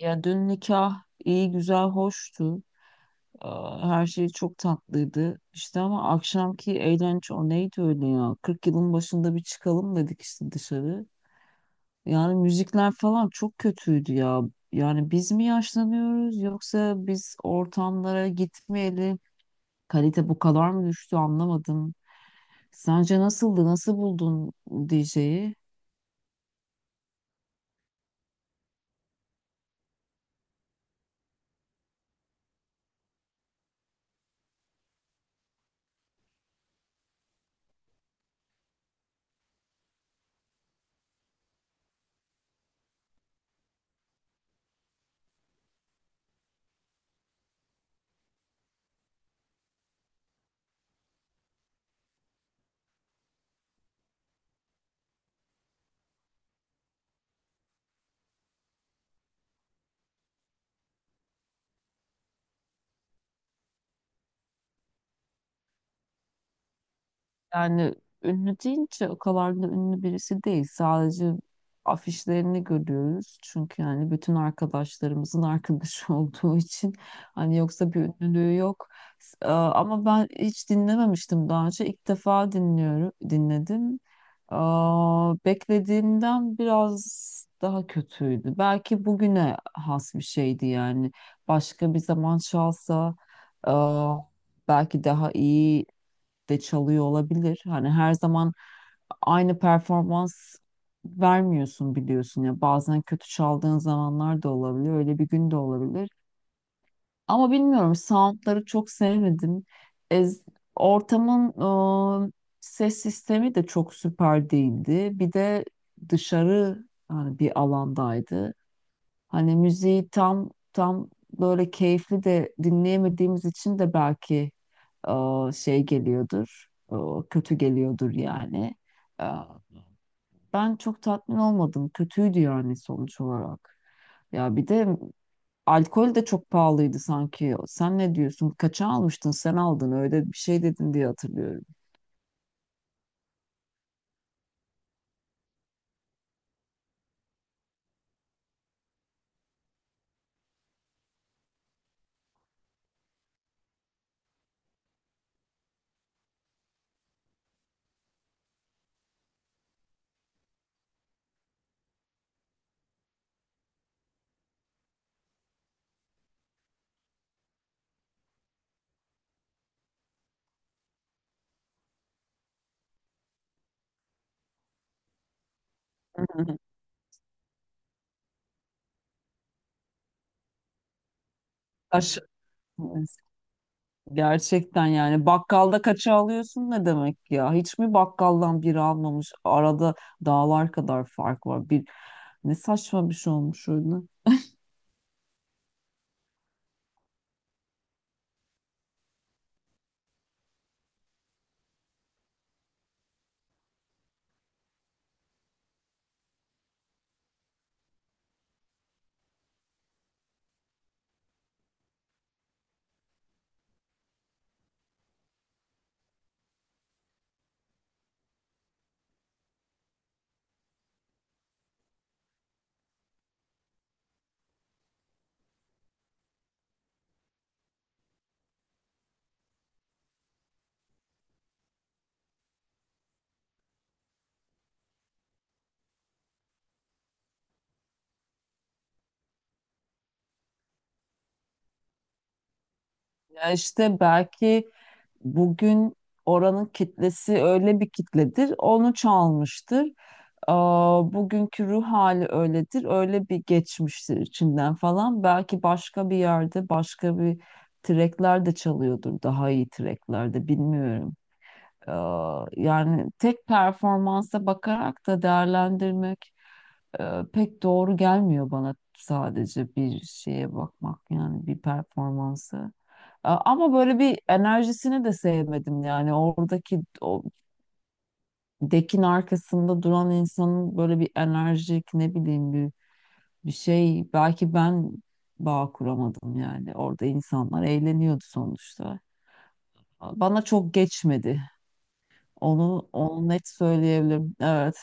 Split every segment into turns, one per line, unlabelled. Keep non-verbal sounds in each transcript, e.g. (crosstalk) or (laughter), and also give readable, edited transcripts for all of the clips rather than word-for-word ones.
Ya dün nikah iyi güzel hoştu. Her şey çok tatlıydı. İşte ama akşamki eğlence o neydi öyle ya? 40 yılın başında bir çıkalım dedik işte dışarı. Yani müzikler falan çok kötüydü ya. Yani biz mi yaşlanıyoruz yoksa biz ortamlara gitmeyeli kalite bu kadar mı düştü anlamadım. Sence nasıldı? Nasıl buldun DJ'yi? Yani ünlü deyince o kadar da ünlü birisi değil. Sadece afişlerini görüyoruz. Çünkü yani bütün arkadaşlarımızın arkadaşı (laughs) olduğu için hani yoksa bir ünlülüğü yok. Ama ben hiç dinlememiştim daha önce. İlk defa dinliyorum, dinledim. Beklediğimden biraz daha kötüydü. Belki bugüne has bir şeydi yani. Başka bir zaman çalsa belki daha iyi de çalıyor olabilir. Hani her zaman aynı performans vermiyorsun biliyorsun ya. Bazen kötü çaldığın zamanlar da olabilir. Öyle bir gün de olabilir. Ama bilmiyorum soundları çok sevmedim. Ez- ortamın e, ses sistemi de çok süper değildi. Bir de dışarı hani bir alandaydı. Hani müziği tam böyle keyifli de dinleyemediğimiz için de belki e, şey geliyordur, kötü geliyordur yani. E, ben çok tatmin olmadım. Kötüydü yani sonuç olarak. Ya bir de alkol de çok pahalıydı sanki. Sen ne diyorsun? Kaça almıştın? Sen aldın. Öyle bir şey dedin diye hatırlıyorum. (laughs) Aş Gerçekten yani bakkalda kaça alıyorsun ne demek ya? Hiç mi bakkaldan biri almamış? Arada dağlar kadar fark var. Ne saçma bir şey olmuş öyle. Ya işte belki bugün oranın kitlesi öyle bir kitledir. Onu çalmıştır. Bugünkü ruh hali öyledir. Öyle bir geçmiştir içinden falan. Belki başka bir yerde başka bir trackler de çalıyordur. Daha iyi tracklerde bilmiyorum. Ee, Yani tek performansa bakarak da değerlendirmek pek doğru gelmiyor bana sadece bir şeye bakmak yani bir performansı. Ama böyle bir enerjisini de sevmedim yani oradaki o dekin arkasında duran insanın böyle bir enerjik ne bileyim bir şey belki ben bağ kuramadım yani orada insanlar eğleniyordu sonuçta. Bana çok geçmedi. Onu net söyleyebilirim. Evet.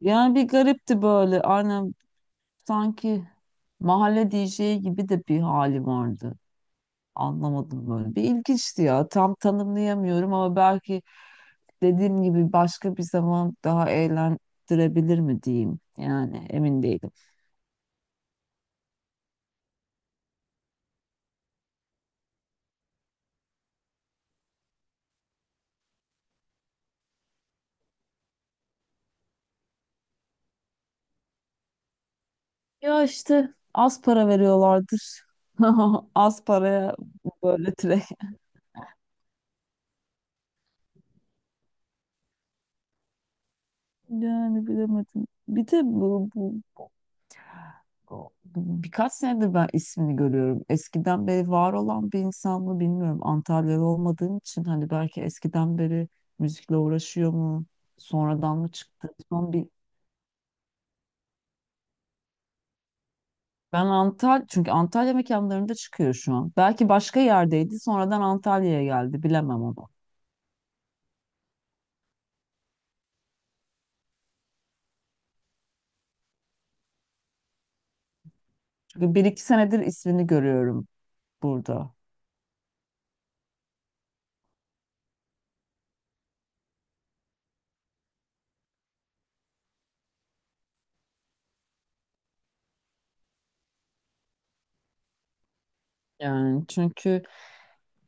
Yani bir garipti böyle. Aynen sanki mahalle DJ'i gibi de bir hali vardı. Anlamadım böyle. Bir ilginçti ya. Tam tanımlayamıyorum ama belki dediğim gibi başka bir zaman daha eğlendirebilir mi diyeyim. Yani emin değilim. Ya işte az para veriyorlardır. (laughs) Az paraya böyle direkt. Yani bilemedim. Bir de O- Birkaç senedir ben ismini görüyorum. Eskiden beri var olan bir insan mı bilmiyorum. Antalyalı olmadığım için hani belki eskiden beri müzikle uğraşıyor mu? Sonradan mı çıktı? Son bir ben Antalya çünkü Antalya mekanlarında çıkıyor şu an. Belki başka yerdeydi, sonradan Antalya'ya geldi. Bilemem onu. Çünkü bir iki senedir ismini görüyorum burada. Yani çünkü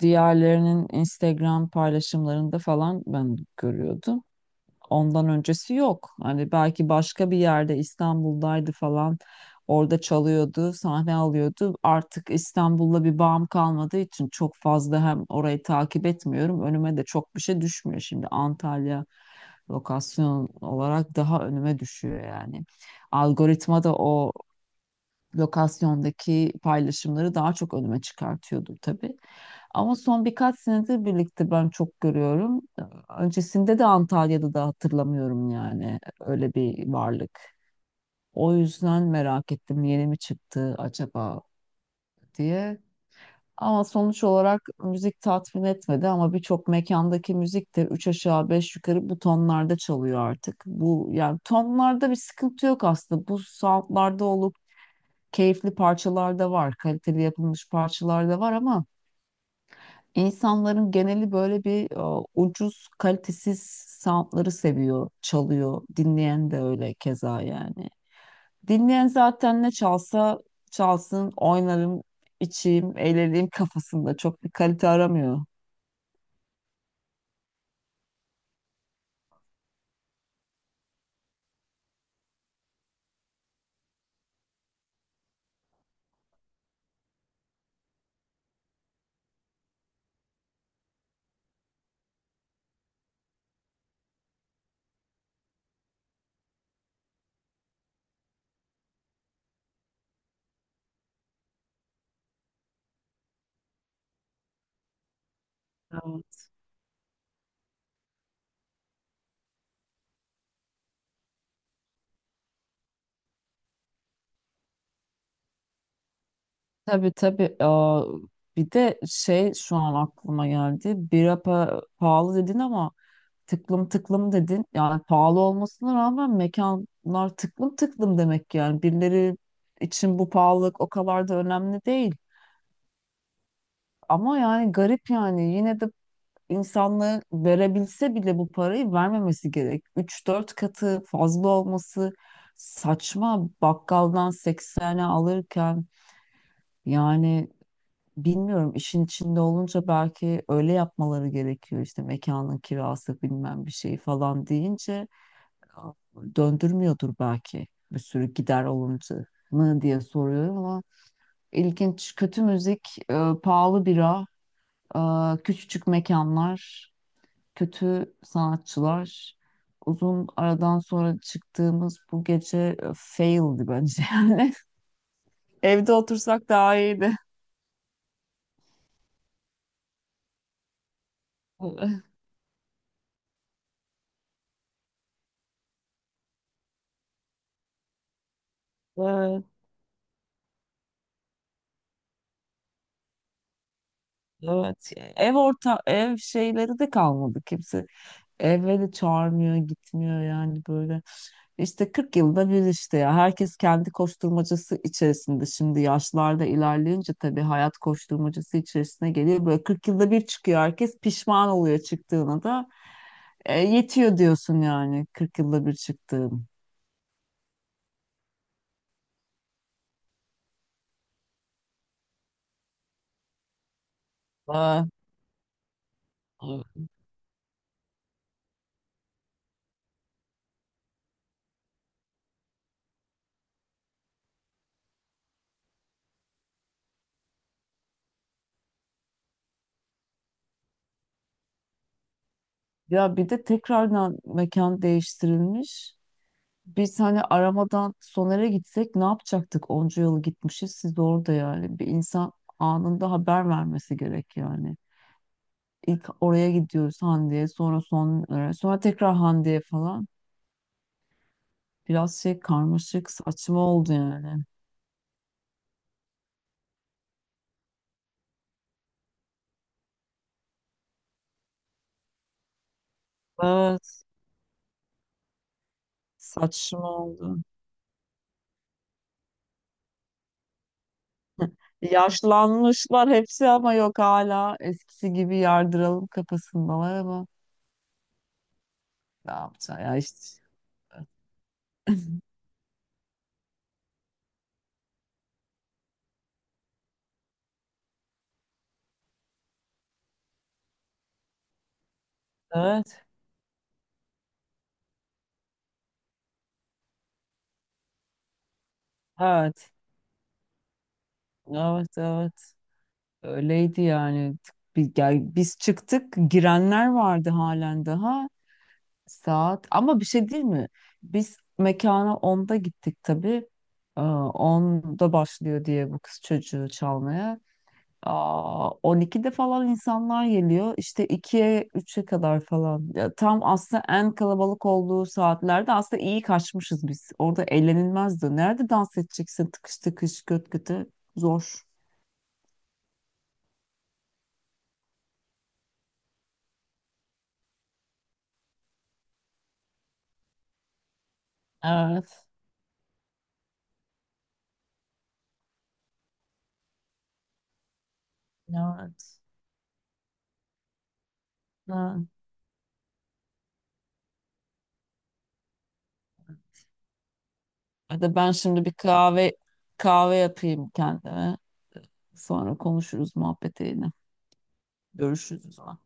diğerlerinin Instagram paylaşımlarında falan ben görüyordum. Ondan öncesi yok. Hani belki başka bir yerde İstanbul'daydı falan. Orada çalıyordu, sahne alıyordu. Artık İstanbul'la bir bağım kalmadığı için çok fazla hem orayı takip etmiyorum. Önüme de çok bir şey düşmüyor şimdi. Antalya lokasyon olarak daha önüme düşüyor yani. Algoritma da o lokasyondaki paylaşımları daha çok önüme çıkartıyordu tabii. Ama son birkaç senedir birlikte ben çok görüyorum. Öncesinde de Antalya'da da hatırlamıyorum yani öyle bir varlık. O yüzden merak ettim yeni mi çıktı acaba diye. Ama sonuç olarak müzik tatmin etmedi ama birçok mekandaki müzik de 3 aşağı 5 yukarı bu tonlarda çalıyor artık. Bu yani tonlarda bir sıkıntı yok aslında. Bu soundlarda olup keyifli parçalar da var, kaliteli yapılmış parçalar da var ama insanların geneli böyle bir ucuz, kalitesiz soundları seviyor, çalıyor. Dinleyen de öyle keza yani. Dinleyen zaten ne çalsa çalsın, oynarım, içeyim, eğleneyim kafasında. Çok bir kalite aramıyor. Evet. Tabii tabii. Bir de şey şu an aklıma geldi. Bira pahalı dedin ama tıklım tıklım dedin. Yani pahalı olmasına rağmen mekanlar tıklım tıklım demek yani. Birileri için bu pahalılık o kadar da önemli değil. Ama yani garip yani yine de insanlığı verebilse bile bu parayı vermemesi gerek. Üç dört katı fazla olması saçma. Bakkaldan 80'e alırken yani bilmiyorum işin içinde olunca belki öyle yapmaları gerekiyor işte mekanın kirası bilmem bir şey falan deyince döndürmüyordur belki bir sürü gider alındı mı diye soruyorum ama ilginç kötü müzik, pahalı bira, küçücük mekanlar, kötü sanatçılar. Uzun aradan sonra çıktığımız bu gece faildi bence. (laughs) Evde otursak daha iyiydi. (laughs) Evet, evet. Ev şeyleri de kalmadı kimse. Eve de çağırmıyor, gitmiyor yani böyle. İşte 40 yılda bir işte ya herkes kendi koşturmacası içerisinde şimdi yaşlarda ilerleyince tabii hayat koşturmacası içerisine geliyor. Böyle 40 yılda bir çıkıyor herkes pişman oluyor çıktığına da yetiyor diyorsun yani 40 yılda bir çıktığın. Aa, ya bir de tekrardan mekan değiştirilmiş. Biz hani aramadan Soner'e gitsek ne yapacaktık? Onca yıl gitmişiz siz orada yani. Bir insan anında haber vermesi gerek yani. İlk oraya gidiyoruz Hande'ye sonra sonlara sonra tekrar Hande'ye falan. Biraz şey karmaşık saçma oldu yani. Evet, saçma oldu. Yaşlanmışlar hepsi ama yok hala eskisi gibi yardıralım kafasındalar ama ne yapacağız ya işte. Evet, evet, evet, evet, öyleydi yani. Biz çıktık girenler vardı halen daha. Saat ama bir şey değil mi? Biz mekana 10'da gittik tabii. 10'da başlıyor diye bu kız çocuğu çalmaya. 12'de falan insanlar geliyor. İşte 2'ye, 3'e kadar falan. Ya, tam aslında en kalabalık olduğu saatlerde aslında iyi kaçmışız biz. Orada eğlenilmezdi. Nerede dans edeceksin tıkış tıkış göt göte? Zor. Evet. Evet. Evet. Ya da ben şimdi bir kahve yapayım kendime. Sonra konuşuruz muhabbet yine. Görüşürüz o zaman.